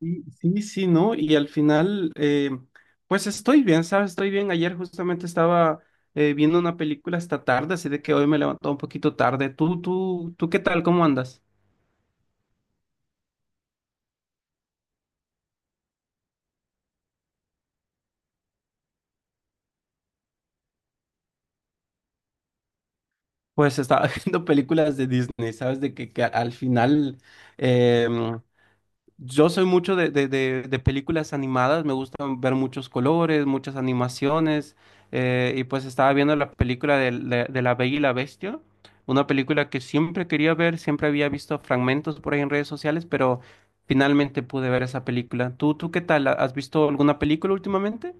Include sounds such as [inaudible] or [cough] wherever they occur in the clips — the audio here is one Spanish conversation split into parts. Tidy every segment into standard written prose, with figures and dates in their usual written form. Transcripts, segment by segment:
Sí, sí, sí, ¿no? Y al final, pues estoy bien, ¿sabes? Estoy bien. Ayer justamente estaba viendo una película hasta tarde, así de que hoy me levantó un poquito tarde. ¿Tú qué tal? ¿Cómo andas? Pues estaba [laughs] viendo películas de Disney, ¿sabes? De que al final, em, yo soy mucho de películas animadas, me gustan ver muchos colores, muchas animaciones, y pues estaba viendo la película de La Bella y la Bestia, una película que siempre quería ver, siempre había visto fragmentos por ahí en redes sociales, pero finalmente pude ver esa película. ¿Tú qué tal? ¿Has visto alguna película últimamente?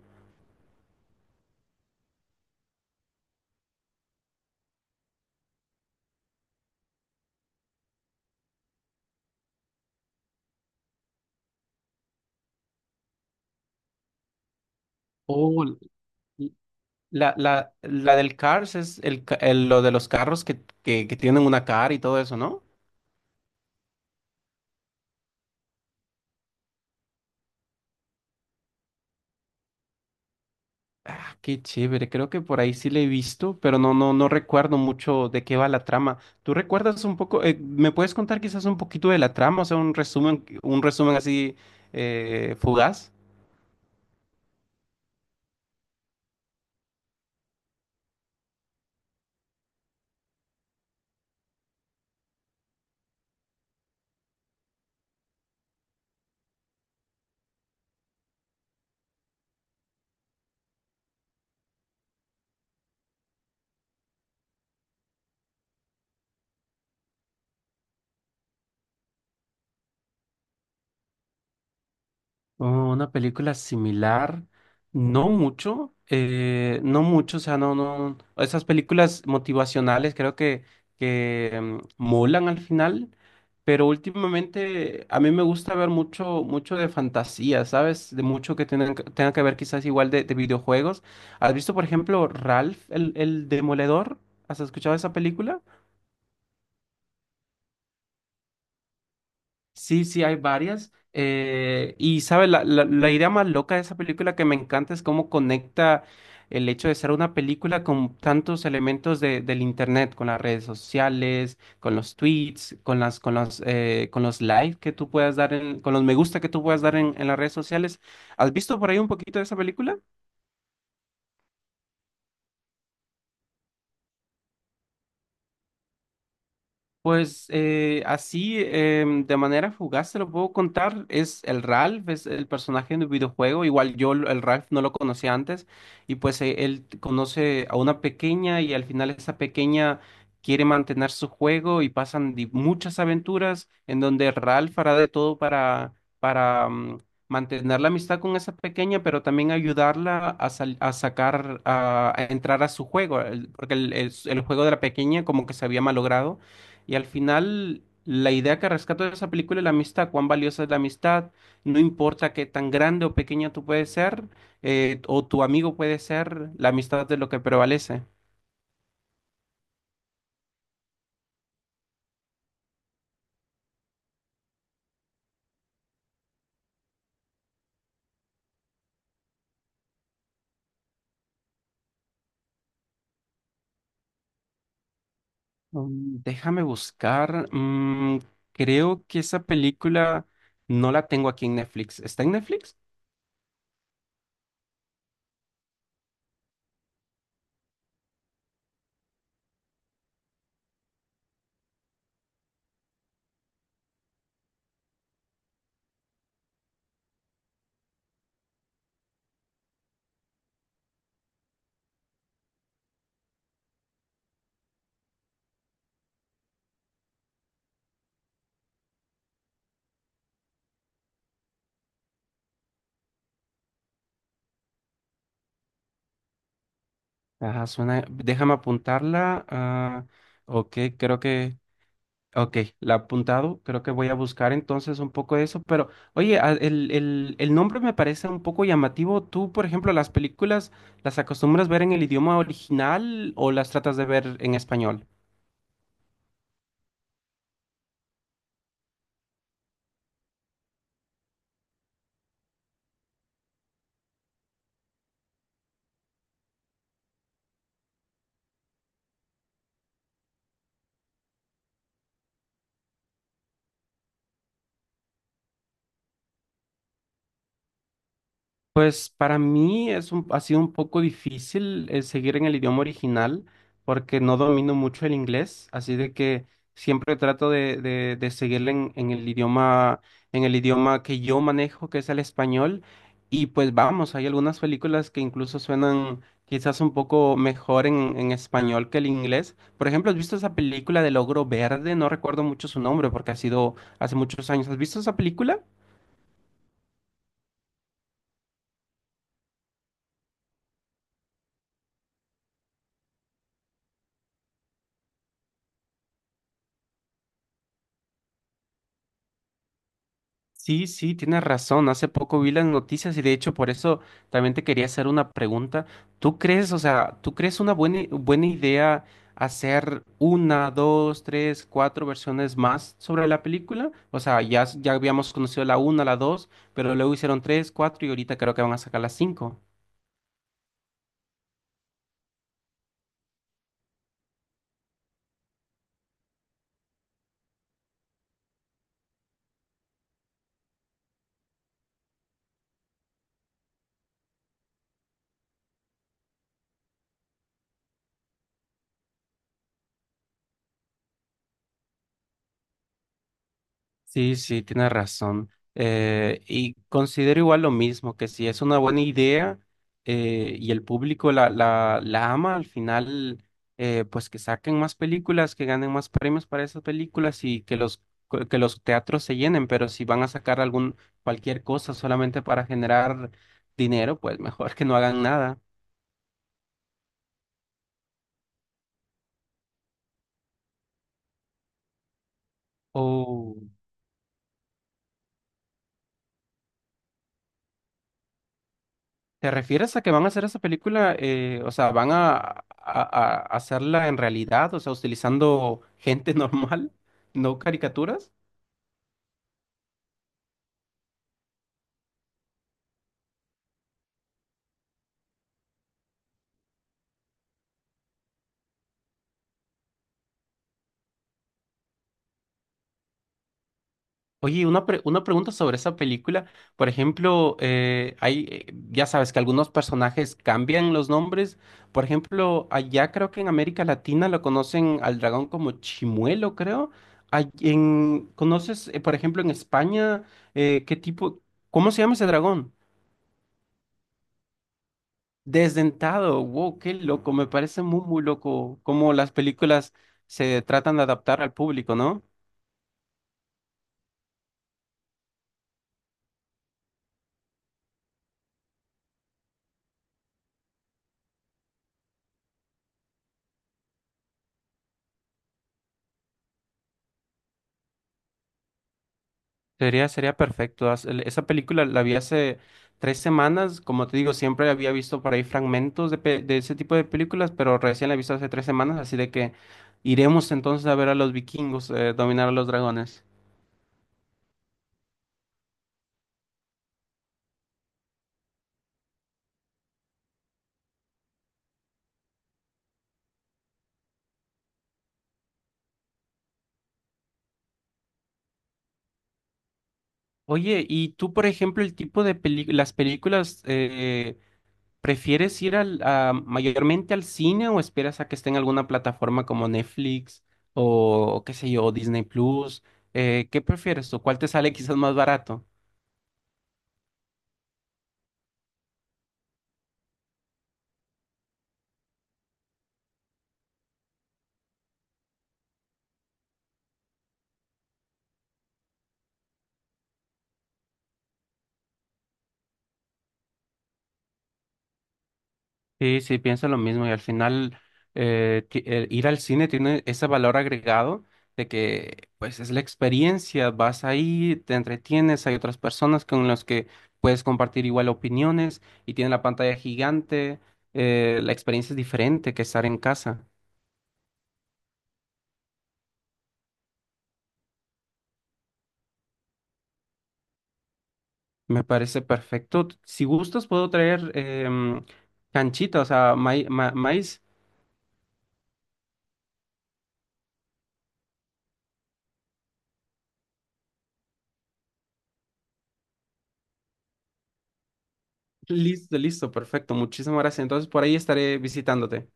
Oh, l- la del Cars es lo de los carros que tienen una cara y todo eso, ¿no? Ah, qué chévere, creo que por ahí sí le he visto, pero no recuerdo mucho de qué va la trama. ¿Tú recuerdas un poco, me puedes contar quizás un poquito de la trama, o sea, un resumen así fugaz? Oh, una película similar, no mucho, no mucho, o sea, no, no, esas películas motivacionales creo que molan al final, pero últimamente a mí me gusta ver mucho, mucho de fantasía, ¿sabes? De mucho que tenga que ver quizás igual de videojuegos. ¿Has visto, por ejemplo, Ralph, el Demoledor? ¿Has escuchado esa película? Sí, sí, hay varias. Y, ¿sabes? La idea más loca de esa película que me encanta es cómo conecta el hecho de ser una película con tantos elementos del internet, con las redes sociales, con los tweets, con los likes que tú puedas dar, con los me gusta que tú puedas dar en las redes sociales. ¿Has visto por ahí un poquito de esa película? Pues así, de manera fugaz, se lo puedo contar. Es el Ralph, es el personaje del videojuego. Igual yo el Ralph no lo conocía antes. Y pues él conoce a una pequeña y al final esa pequeña quiere mantener su juego y pasan muchas aventuras en donde Ralph hará de todo para mantener la amistad con esa pequeña, pero también ayudarla a sacar, a entrar a su juego. Porque el juego de la pequeña como que se había malogrado. Y al final, la idea que rescato de esa película es la amistad, cuán valiosa es la amistad, no importa qué tan grande o pequeña tú puedes ser, o tu amigo puede ser, la amistad es lo que prevalece. Mm. Déjame buscar, creo que esa película no la tengo aquí en Netflix. ¿Está en Netflix? Ajá, suena, déjame apuntarla. Ah, ok, creo que Ok, la he apuntado. Creo que voy a buscar entonces un poco de eso. Pero, oye, el nombre me parece un poco llamativo. ¿Tú, por ejemplo, las películas las acostumbras ver en el idioma original o las tratas de ver en español? Pues para mí ha sido un poco difícil seguir en el idioma original porque no domino mucho el inglés, así de que siempre trato de seguirle en el idioma, que yo manejo, que es el español. Y pues vamos, hay algunas películas que incluso suenan quizás un poco mejor en español que el inglés. Por ejemplo, ¿has visto esa película del Ogro Verde? No recuerdo mucho su nombre porque ha sido hace muchos años. ¿Has visto esa película? Sí, sí, tienes razón. Hace poco vi las noticias y de hecho por eso también te quería hacer una pregunta. ¿Tú crees, o sea, tú crees una buena idea hacer una, dos, tres, cuatro versiones más sobre la película? O sea, ya habíamos conocido la una, la dos, pero luego hicieron tres, cuatro y ahorita creo que van a sacar las cinco. Sí, sí, tienes razón. Y considero igual lo mismo, que si es una buena idea y el público la ama, al final, pues que saquen más películas, que ganen más premios para esas películas y que que los teatros se llenen, pero si van a sacar cualquier cosa solamente para generar dinero, pues mejor que no hagan nada. ¿Te refieres a que van a hacer esa película? O sea, ¿van a hacerla en realidad? O sea, utilizando gente [laughs] normal, no caricaturas. Oye, una pregunta sobre esa película. Por ejemplo, hay, ya sabes que algunos personajes cambian los nombres. Por ejemplo, allá creo que en América Latina lo conocen al dragón como Chimuelo, creo. ¿Conoces, por ejemplo, en España, eh, qué tipo, cómo se llama ese dragón? Desdentado, wow, qué loco, me parece muy, muy loco cómo las películas se tratan de adaptar al público, ¿no? Sería, sería perfecto. Esa película la vi hace 3 semanas, como te digo, siempre había visto por ahí fragmentos de ese tipo de películas, pero recién la he visto hace 3 semanas, así de que iremos entonces a ver a los vikingos dominar a los dragones. Oye, ¿y tú, por ejemplo, el tipo de las películas, prefieres ir mayormente al cine o esperas a que esté en alguna plataforma como Netflix o qué sé yo, Disney Plus? ¿Qué prefieres tú? ¿Cuál te sale [laughs] quizás más barato? Sí, sí, pienso lo mismo y al final ir al cine tiene ese valor agregado de que pues es la experiencia, vas ahí, te entretienes, hay otras personas con las que puedes compartir igual opiniones y tienen la pantalla gigante, la experiencia es diferente que estar en casa. Me parece perfecto. Si gustas, puedo traer em, canchita, o sea, maíz. Listo, listo, perfecto. Muchísimas gracias. Entonces, por ahí estaré visitándote.